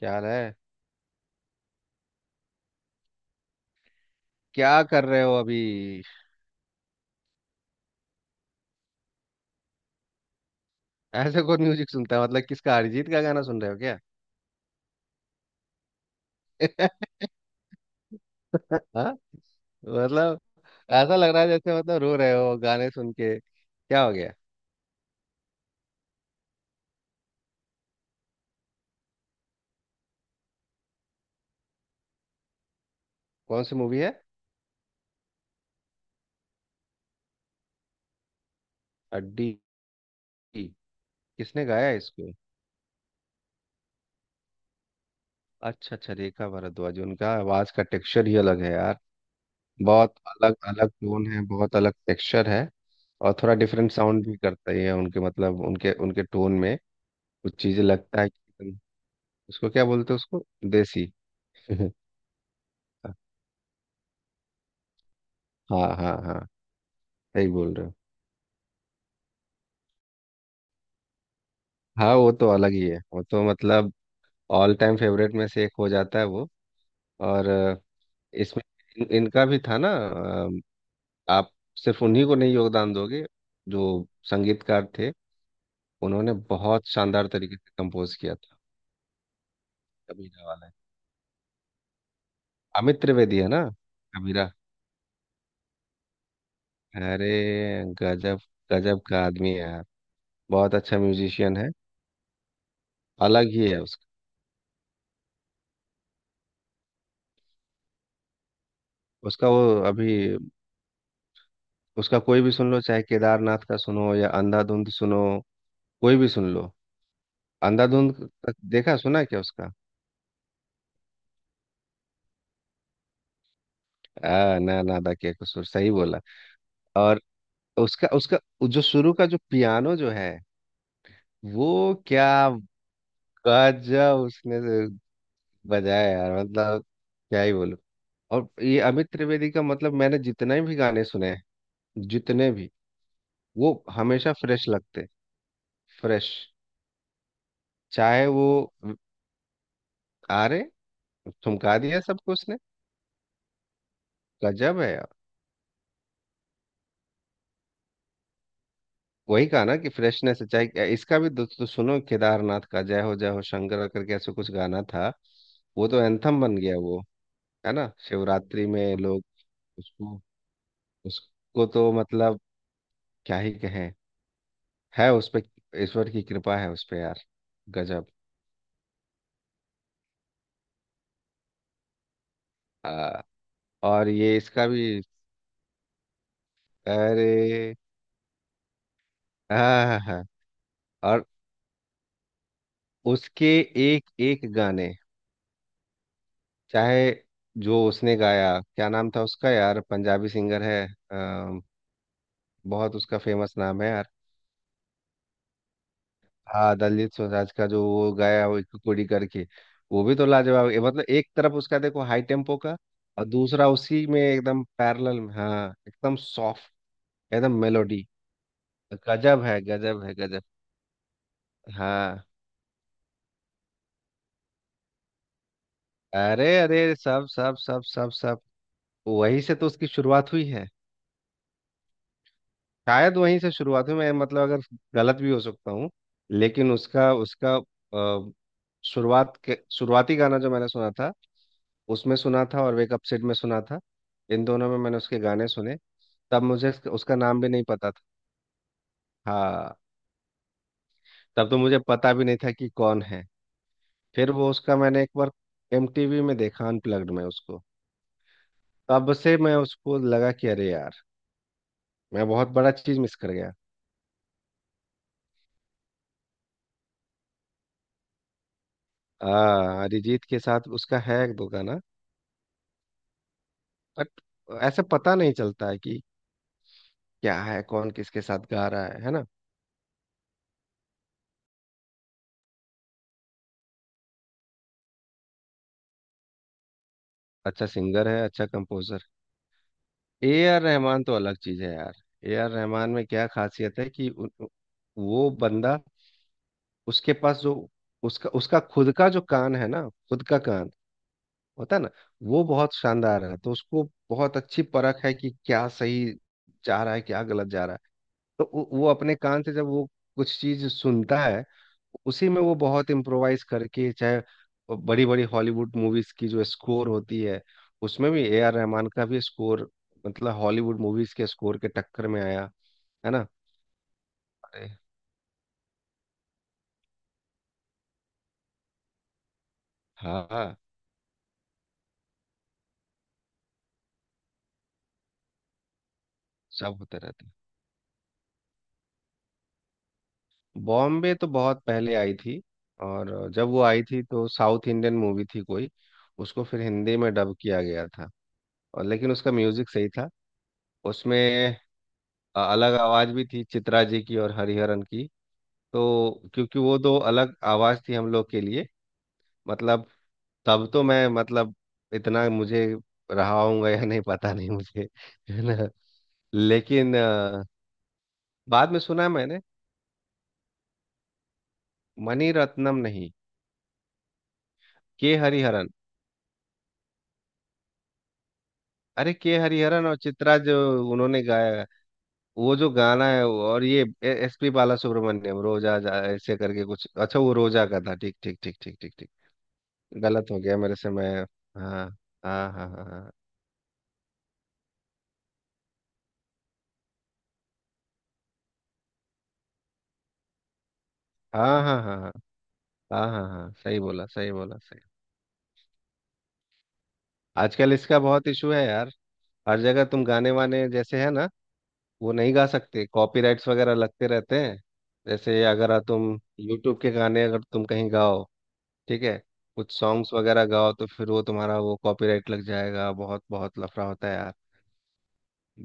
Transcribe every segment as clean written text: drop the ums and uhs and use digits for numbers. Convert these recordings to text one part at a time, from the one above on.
क्या हाल है? क्या कर रहे हो अभी? ऐसे कौन म्यूजिक सुनता है? मतलब किसका? अरिजीत का गाना सुन रहे हो क्या? हाँ, मतलब ऐसा लग रहा है जैसे मतलब रो रहे हो। गाने सुन के क्या हो गया? कौन सी मूवी है? अड्डी? किसने गाया है इसको? अच्छा अच्छा, रेखा भारद्वाज। उनका आवाज का टेक्सचर ही अलग है यार। बहुत अलग अलग टोन है, बहुत अलग टेक्सचर है। और थोड़ा डिफरेंट साउंड भी करता ही है उनके, मतलब उनके उनके टोन में कुछ चीजें लगता है कि उसको क्या बोलते हैं उसको। देसी। हाँ हाँ हाँ, सही बोल रहे हो। हाँ, वो तो अलग ही है, वो तो मतलब ऑल टाइम फेवरेट में से एक हो जाता है वो। और इसमें इनका भी था ना। आप सिर्फ उन्हीं को नहीं योगदान दोगे जो संगीतकार थे। उन्होंने बहुत शानदार तरीके से कंपोज किया था। कबीरा वाला। अमित त्रिवेदी है ना। कबीरा। अरे गजब, गजब का आदमी है यार। बहुत अच्छा म्यूजिशियन है। अलग ही है उसका। उसका वो अभी, उसका कोई भी सुन लो, चाहे केदारनाथ का सुनो या अंधाधुंध सुनो। कोई भी सुन लो। अंधाधुंध तक देखा सुना क्या उसका? ना नादा के कसूर, सही बोला। और उसका उसका जो शुरू का जो पियानो जो है, वो क्या गजब उसने बजाया यार। मतलब क्या ही बोलूं। और ये अमित त्रिवेदी का, मतलब मैंने जितने भी गाने सुने हैं, जितने भी, वो हमेशा फ्रेश लगते। फ्रेश, चाहे वो। आरे, ठुमका दिया सबको उसने। गजब है। वही कहा ना कि फ्रेशनेस चाहिए इसका भी। दोस्तों सुनो, केदारनाथ का जय हो शंकर करके ऐसे कुछ गाना था। वो तो एंथम बन गया वो, है ना? शिवरात्रि में लोग, उसको उसको तो मतलब क्या ही कहें। है उस पे, ईश्वर की कृपा है उस पे यार। गजब। आ, और ये इसका भी अरे, हाँ। और उसके एक एक गाने, चाहे जो उसने गाया। क्या नाम था उसका यार? पंजाबी सिंगर है, बहुत उसका फेमस नाम है यार। हाँ, दलजीत दोसांझ का जो वो गाया, वो एक कुड़ी करके। वो भी तो लाजवाब है। मतलब एक तरफ उसका देखो हाई टेम्पो का, और दूसरा उसी में एकदम पैरेलल में, हाँ, एकदम सॉफ्ट, एकदम मेलोडी। गजब है, गजब है, गजब। हाँ। अरे अरे, सब सब सब सब सब, वहीं से तो उसकी शुरुआत हुई है। शायद वहीं से शुरुआत हुई, मैं मतलब अगर गलत भी हो सकता हूँ, लेकिन उसका उसका अ, शुरुआत के शुरुआती गाना जो मैंने सुना था, उसमें सुना था और वेक अप सिड में सुना था। इन दोनों में मैंने उसके गाने सुने। तब मुझे उसका नाम भी नहीं पता था। हाँ, तब तो मुझे पता भी नहीं था कि कौन है। फिर वो उसका मैंने एक बार एमटीवी में देखा, अनप्लग्ड में उसको। तब से मैं उसको लगा कि अरे यार, मैं बहुत बड़ा चीज मिस कर गया। हाँ, अरिजीत के साथ उसका है एक दो गाना, बट ऐसे पता नहीं चलता है कि क्या है, कौन किसके साथ गा रहा है ना? अच्छा सिंगर है, अच्छा कंपोजर। ए आर रहमान तो अलग चीज है यार। ए आर रहमान में क्या खासियत है कि उ, उ- वो बंदा, उसके पास जो उसका उसका खुद का जो कान है ना, खुद का कान होता है ना, वो बहुत शानदार है। तो उसको बहुत अच्छी परख है कि क्या सही जा रहा है, क्या गलत जा रहा है। तो वो अपने कान से जब वो कुछ चीज सुनता है, उसी में वो बहुत इम्प्रोवाइज करके, चाहे बड़ी बड़ी हॉलीवुड मूवीज की जो स्कोर होती है, उसमें भी ए आर रहमान का भी स्कोर, मतलब हॉलीवुड मूवीज के स्कोर के टक्कर में आया, है ना? अरे हाँ, सब होते रहते हैं। बॉम्बे तो बहुत पहले आई थी, और जब वो आई थी तो साउथ इंडियन मूवी थी कोई, उसको फिर हिंदी में डब किया गया था। और लेकिन उसका म्यूजिक सही था। उसमें अलग आवाज भी थी, चित्रा जी की और हरिहरन की। तो क्योंकि वो दो अलग आवाज थी हम लोग के लिए। मतलब तब तो मैं, मतलब इतना मुझे रहा हूँगा या नहीं पता नहीं मुझे, है ना। लेकिन बाद में सुना मैंने। मणि रत्नम नहीं, के हरिहरन। अरे के हरिहरन और चित्रा, जो उन्होंने गाया है, वो जो गाना है और ये एस पी बाला सुब्रमण्यम, रोजा जा ऐसे करके कुछ अच्छा, वो रोजा का था। ठीक ठीक ठीक ठीक ठीक ठीक। गलत हो गया मेरे से, मैं, हाँ हाँ हाँ हाँ हाँ हाँ हाँ हाँ हाँ हाँ हाँ हाँ, सही बोला, सही बोला, सही। आजकल इसका बहुत इशू है यार। हर जगह तुम गाने वाने जैसे, है ना, वो नहीं गा सकते। कॉपीराइट्स वगैरह लगते रहते हैं। जैसे अगर तुम यूट्यूब के गाने अगर तुम कहीं गाओ, ठीक है, कुछ सॉन्ग्स वगैरह गाओ, तो फिर वो तुम्हारा वो कॉपीराइट लग जाएगा। बहुत बहुत लफड़ा होता है यार।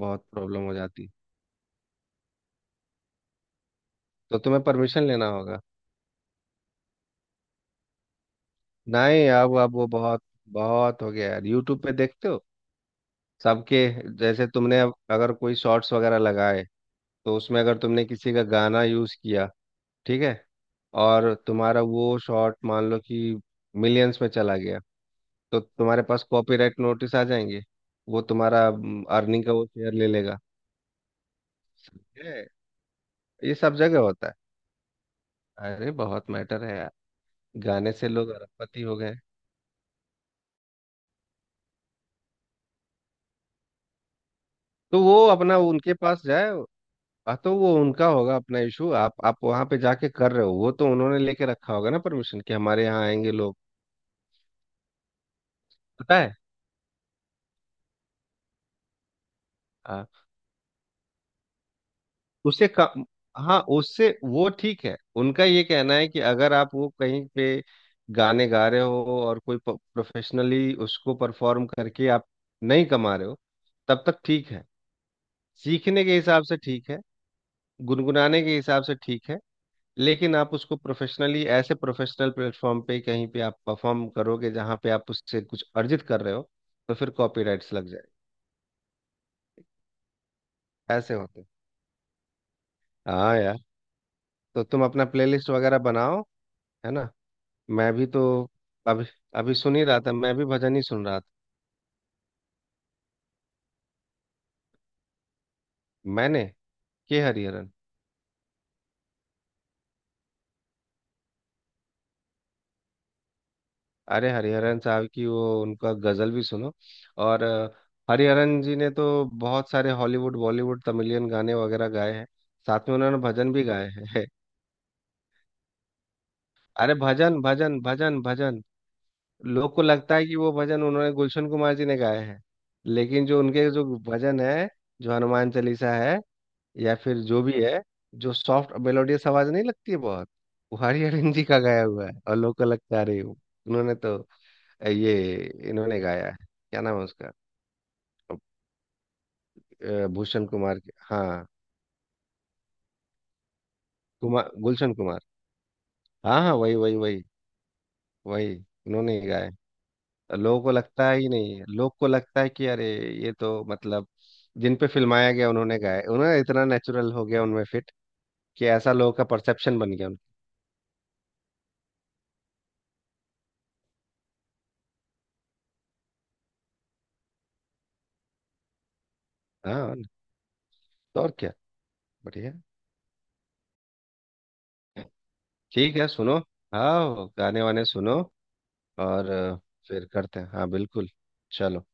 बहुत प्रॉब्लम हो जाती। तो तुम्हें परमिशन लेना होगा। नहीं, अब वो बहुत बहुत हो गया यार, यूट्यूब पे देखते हो सबके। जैसे तुमने अब अगर कोई शॉर्ट्स वगैरह लगाए, तो उसमें अगर तुमने किसी का गाना यूज़ किया, ठीक है, और तुम्हारा वो शॉर्ट मान लो कि मिलियंस में चला गया, तो तुम्हारे पास कॉपीराइट नोटिस आ जाएंगे। वो तुम्हारा अर्निंग का वो शेयर ले लेगा। है, ये सब जगह होता है। अरे बहुत मैटर है यार, गाने से लोग अरबपति हो गए। तो वो अपना उनके पास जाए। हाँ तो वो उनका होगा अपना इशू। आप वहां पे जाके कर रहे हो, वो तो उन्होंने लेके रखा होगा ना परमिशन कि हमारे यहाँ आएंगे लोग। पता है। हाँ उससे का, हाँ उससे वो ठीक है। उनका ये कहना है कि अगर आप वो कहीं पे गाने गा रहे हो और कोई प्रोफेशनली उसको परफॉर्म करके आप नहीं कमा रहे हो, तब तक ठीक है। सीखने के हिसाब से ठीक है, गुनगुनाने के हिसाब से ठीक है। लेकिन आप उसको प्रोफेशनली ऐसे प्रोफेशनल प्लेटफॉर्म पे कहीं पे आप परफॉर्म करोगे जहाँ पे आप उससे कुछ अर्जित कर रहे हो, तो फिर कॉपीराइट्स लग जाएंगे। ऐसे होते हैं। हाँ यार, तो तुम अपना प्लेलिस्ट वगैरह बनाओ, है ना? मैं भी तो अभी अभी सुन ही रहा था, मैं भी भजन ही सुन रहा था। मैंने, के हरिहरन। अरे हरिहरन साहब की वो, उनका गजल भी सुनो। और हरिहरन जी ने तो बहुत सारे हॉलीवुड बॉलीवुड तमिलियन गाने वगैरह गाए हैं। साथ में उन्होंने भजन भी गाए हैं। अरे भजन भजन भजन भजन, लोग को लगता है कि वो भजन उन्होंने, गुलशन कुमार जी ने गाए हैं। लेकिन जो उनके जो भजन है, जो हनुमान चालीसा है या फिर जो भी है, जो सॉफ्ट मेलोडियस आवाज नहीं लगती है बहुत, वो हरि हरिन जी का गाया हुआ है। और लोग को लगता है अरे उन्होंने तो, ये, इन्होंने गाया है। क्या नाम है उसका? भूषण कुमार के, हाँ, कुमार, गुलशन कुमार। हाँ हाँ वही वही वही वही, उन्होंने ही गाया है। लोगों को लगता है ही नहीं है। लोग को लगता है कि अरे ये तो मतलब, जिन पे फिल्माया गया उन्होंने गाया, उन्होंने इतना नेचुरल हो गया उनमें फिट, कि ऐसा लोगों का परसेप्शन बन गया उनका। हाँ, तो और क्या, बढ़िया। ठीक है, सुनो, हाँ गाने वाने सुनो। और फिर करते हैं, हाँ बिल्कुल। चलो।